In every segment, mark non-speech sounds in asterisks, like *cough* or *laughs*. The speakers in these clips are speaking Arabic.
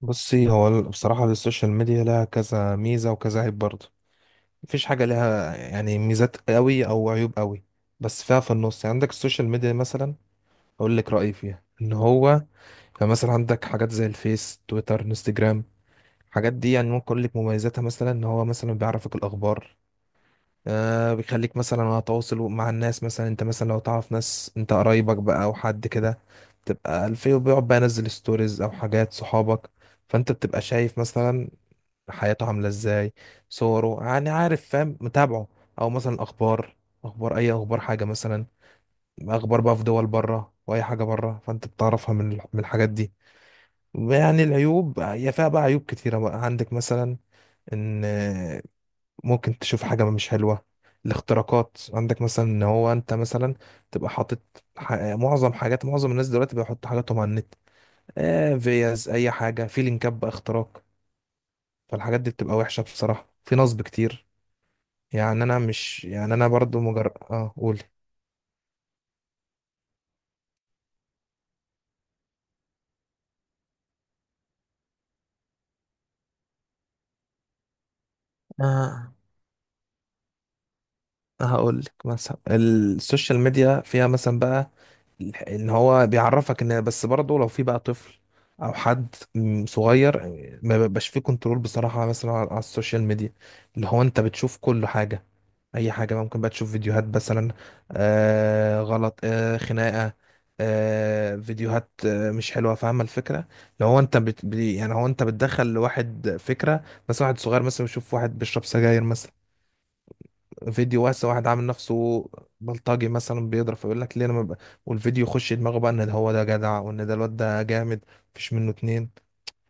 بصي، هو بصراحة السوشيال ميديا لها كذا ميزة وكذا عيب برضه. مفيش حاجة لها يعني ميزات قوي أو عيوب قوي، بس فيها في النص. يعني عندك السوشيال ميديا مثلا، أقول لك رأيي فيها إن هو، يعني مثلا عندك حاجات زي الفيس، تويتر، انستجرام. الحاجات دي يعني ممكن أقول لك مميزاتها، مثلا إن هو مثلا بيعرفك الأخبار. بيخليك مثلا على تواصل مع الناس. مثلا أنت مثلا لو تعرف ناس، أنت قرايبك بقى أو حد كده، تبقى الفيو بيقعد بقى ينزل ستوريز أو حاجات صحابك، فانت بتبقى شايف مثلا حياته عاملة ازاي، صوره، يعني عارف، فاهم، متابعه. او مثلا اخبار، اخبار اي اخبار حاجة مثلا، اخبار بقى في دول بره واي حاجة بره، فانت بتعرفها من الحاجات دي. يعني العيوب، هي فيها بقى عيوب كتيرة بقى. عندك مثلا ان ممكن تشوف حاجة مش حلوة، الاختراقات. عندك مثلا ان هو انت مثلا تبقى حاطط، معظم حاجات، معظم الناس دلوقتي بيحطوا حاجاتهم على النت، فيز اي حاجة، في لينكات بقى، اختراق. فالحاجات دي بتبقى وحشة بصراحة، في نصب كتير. يعني انا مش، يعني انا برضو مجرد قول. آه، هقول لك. مثلا السوشيال ميديا فيها مثلا بقى ان هو بيعرفك ان، بس برضه لو في بقى طفل او حد صغير، ما بيبقاش فيه كنترول بصراحة مثلا على السوشيال ميديا. اللي هو انت بتشوف كل حاجة، اي حاجه بقى، ممكن بقى تشوف فيديوهات مثلا غلط، خناقه، فيديوهات مش حلوه. فاهمه الفكره؟ لو هو انت يعني هو انت بتدخل لواحد فكره، مثلا واحد صغير مثلا يشوف واحد بيشرب سجاير مثلا، فيديو واسع، واحد عامل نفسه بلطجي مثلا بيضرب، فيقول لك ليه انا ما ب... والفيديو يخش دماغه بقى ان ده، هو ده جدع، وان ده الواد ده جامد، مفيش منه اتنين،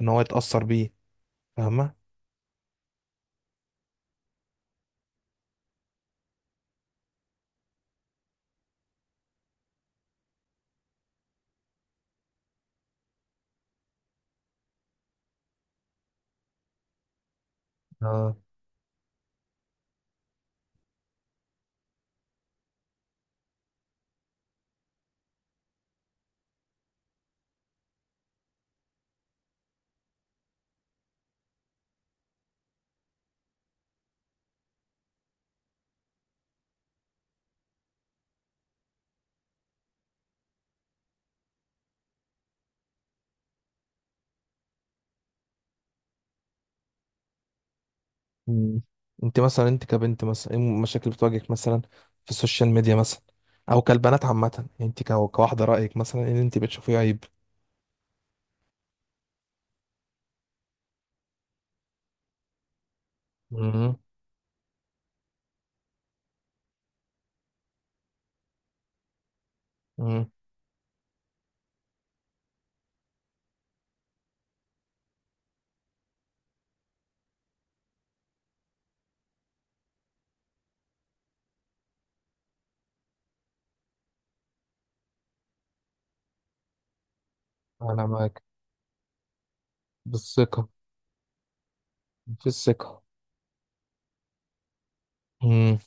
ان هو يتاثر بيه. فاهمه؟ اه. مم. انت مثلا، انت كبنت مثلا، ايه المشاكل اللي بتواجهك مثلا في السوشيال ميديا مثلا، او كالبنات عامه؟ يعني انت كواحده، رايك مثلا ايه اللي انت بتشوفيه عيب؟ مم. مم. انا معاك، بالثقه، في الثقه. مم.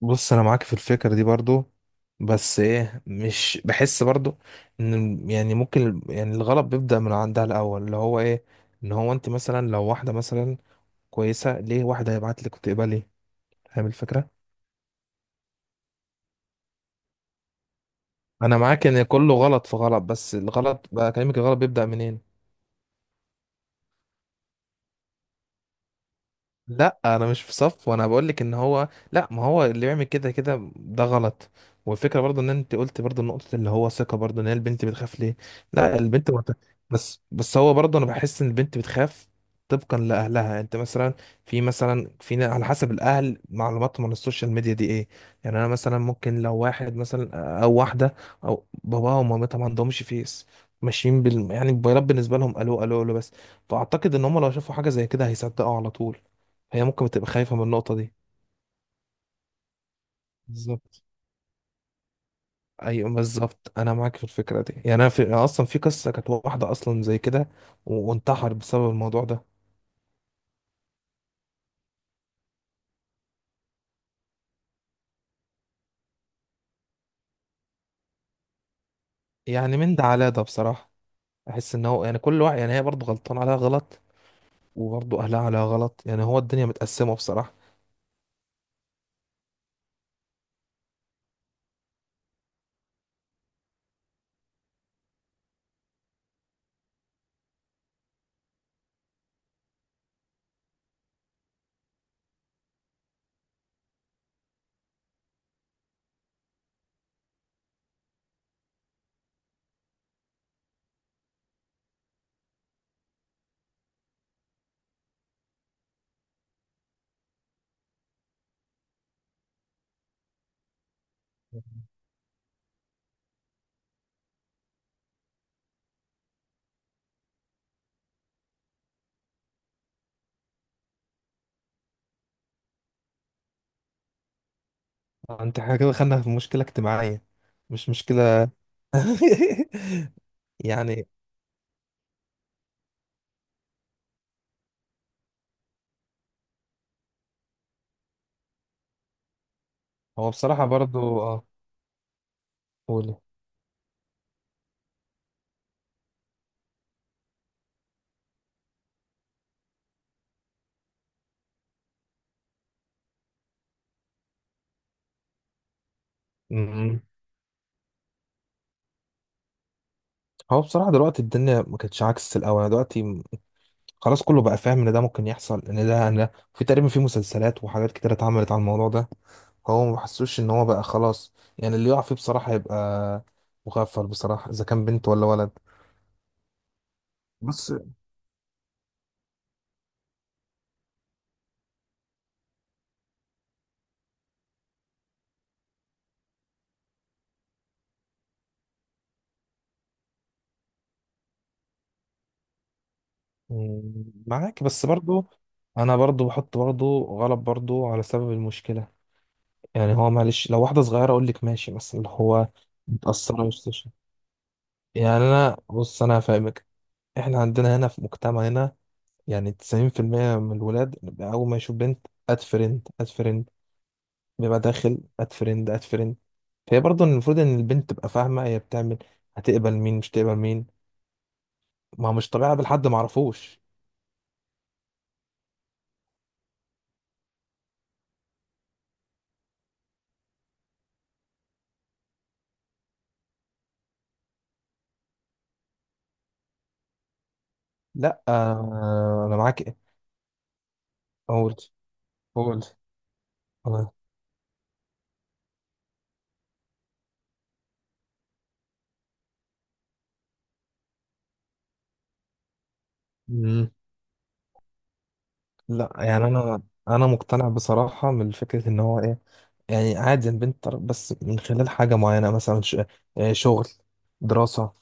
بص، انا معاك في الفكره دي برضو، بس ايه، مش بحس برضو ان، يعني ممكن، يعني الغلط بيبدا من عندها الاول، اللي هو ايه؟ ان هو انت مثلا، لو واحده مثلا كويسه، ليه واحده هيبعت لك وتقبلي؟ فاهم الفكره؟ انا معاك ان كله غلط في غلط، بس الغلط بقى، كلامك، الغلط بيبدأ منين؟ لا، انا مش في صف، وانا بقول لك ان هو، لا، ما هو اللي بيعمل كده كده ده غلط. والفكره برضو ان انت قلت برضو نقطه اللي هو ثقه، برضو ان هي البنت بتخاف ليه. لا، بس هو برضو، انا بحس ان البنت بتخاف طبقا لاهلها. انت مثلا، في مثلا، على حسب الاهل، معلوماتهم عن السوشيال ميديا دي ايه. يعني انا مثلا، ممكن لو واحد مثلا او واحده، او باباها ومامتها ما عندهمش فيس، ماشيين يعني الموبايلات بالنسبه لهم الو الو الو بس. فاعتقد ان هم لو شافوا حاجه زي كده هيصدقوا على طول، هي ممكن تبقى خايفة من النقطة دي. بالظبط. ايوه، بالظبط، انا معاك في الفكرة دي. يعني انا في، اصلا في قصة كانت واحدة اصلا زي كده، و- وانتحر بسبب الموضوع ده. يعني من ده على ده بصراحة، احس ان هو، يعني كل واحد، يعني هي برضه غلطان عليها غلط، وبرضه اهلها عليها غلط، يعني هو الدنيا متقسمة بصراحة. انت، احنا كده دخلنا في مشكلة اجتماعية، مش مشكلة. *laughs* يعني هو بصراحة برضه قولي. م. هو بصراحة دلوقتي الدنيا ما كانتش عكس الأول. يعني دلوقتي خلاص، كله بقى فاهم ان ده ممكن يحصل، ان ده، في تقريبا في مسلسلات وحاجات كتير اتعملت على الموضوع ده، هو ما حسوش ان هو بقى خلاص. يعني اللي يقع فيه بصراحة هيبقى مغفل بصراحة، اذا كان بنت ولا ولد. بس مم، معاك، بس برضو انا برضو بحط برضو غلط برضو على سبب المشكلة. يعني هو، معلش، لو واحدة صغيرة اقول لك ماشي، بس اللي هو متأثرة وسط. يعني انا، بص، انا هفهمك، احنا عندنا هنا في مجتمعنا، يعني 90% من الولاد أول ما يشوف بنت، أد فريند أد فريند، بيبقى داخل أد فريند أد فريند. فهي برضه المفروض إن البنت تبقى فاهمة هي بتعمل، هتقبل مين مش تقبل مين. ما هو مش طبيعي أقابل حد معرفوش. لأ، آه، أنا معاك. إيه؟ قول. قول. آه. مم. لأ، يعني أنا مقتنع بصراحة من فكرة إن هو إيه، يعني عادي البنت تعرف بس من خلال حاجة معينة، مثلا آه، شغل، دراسة،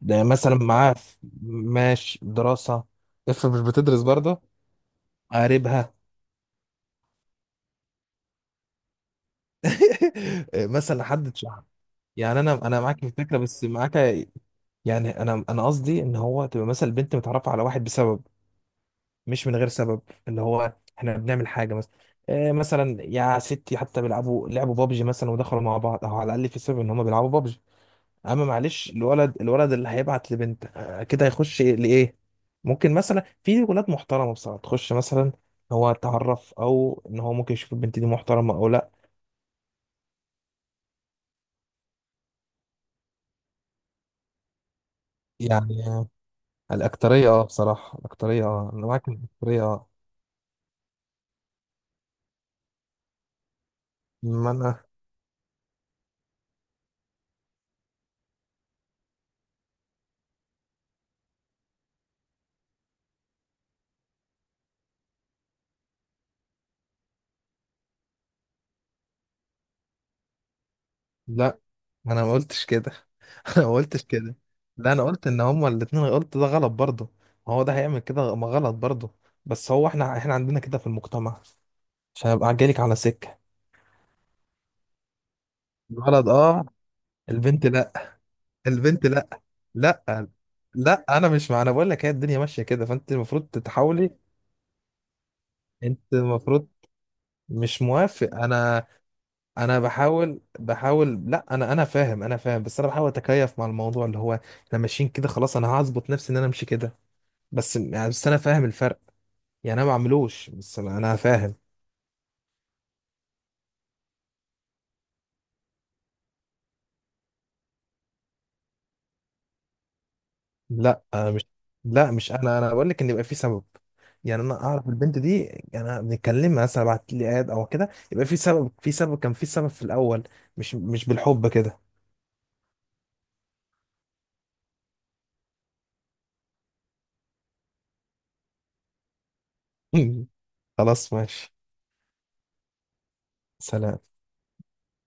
ده مثلا معاه ماشي، دراسة، افرض مش بتدرس برضه، قاربها، *laughs* مثلا حدد شعر. يعني انا معاك في الفكره، بس معاك، يعني انا قصدي ان هو، تبقى مثلا البنت متعرفه على واحد بسبب، مش من غير سبب. اللي هو احنا بنعمل حاجه مثلا، آه، مثلا يا ستي، حتى لعبوا بابجي مثلا ودخلوا مع بعض، او على الاقل في سبب ان هم بيلعبوا بابجي. اما معلش، الولد، اللي هيبعت لبنت آه كده هيخش لايه؟ ممكن مثلا في ولاد محترمه بصراحه تخش مثلا، هو تعرف، او ان هو ممكن يشوف البنت دي محترمه او لا. يعني آه، الاكتريه بصراحه، الاكتريه انا معاك إن الاكتريه ما انا. لا، ما انا ما قلتش كده. *laughs* انا ما قلتش كده. لا، انا قلت ان هما الاتنين، قلت ده غلط برضه، ما هو ده هيعمل كده، ما غلط برضه. بس هو احنا، عندنا كده في المجتمع، عشان ابقى جايلك على سكه. الولد اه، البنت لا، البنت لا. لا، لا، انا مش مع، انا بقول لك هي الدنيا ماشيه كده، فانت المفروض تتحاولي، انت المفروض، مش موافق انا. انا بحاول لا، انا فاهم، انا فاهم، بس انا بحاول اتكيف مع الموضوع اللي هو احنا ماشيين كده خلاص، انا هظبط نفسي ان انا امشي كده، بس يعني، بس انا فاهم الفرق، يعني انا ما بعملوش، بس انا فاهم. لا، أنا مش، لا، مش انا بقول لك ان يبقى في سبب، يعني انا اعرف البنت دي، يعني انا بنتكلم، مثلا بعت لي اد او كده، يبقى في سبب، كان في سبب في الاول، مش بالحب كده. *laughs* خلاص، ماشي. سلام.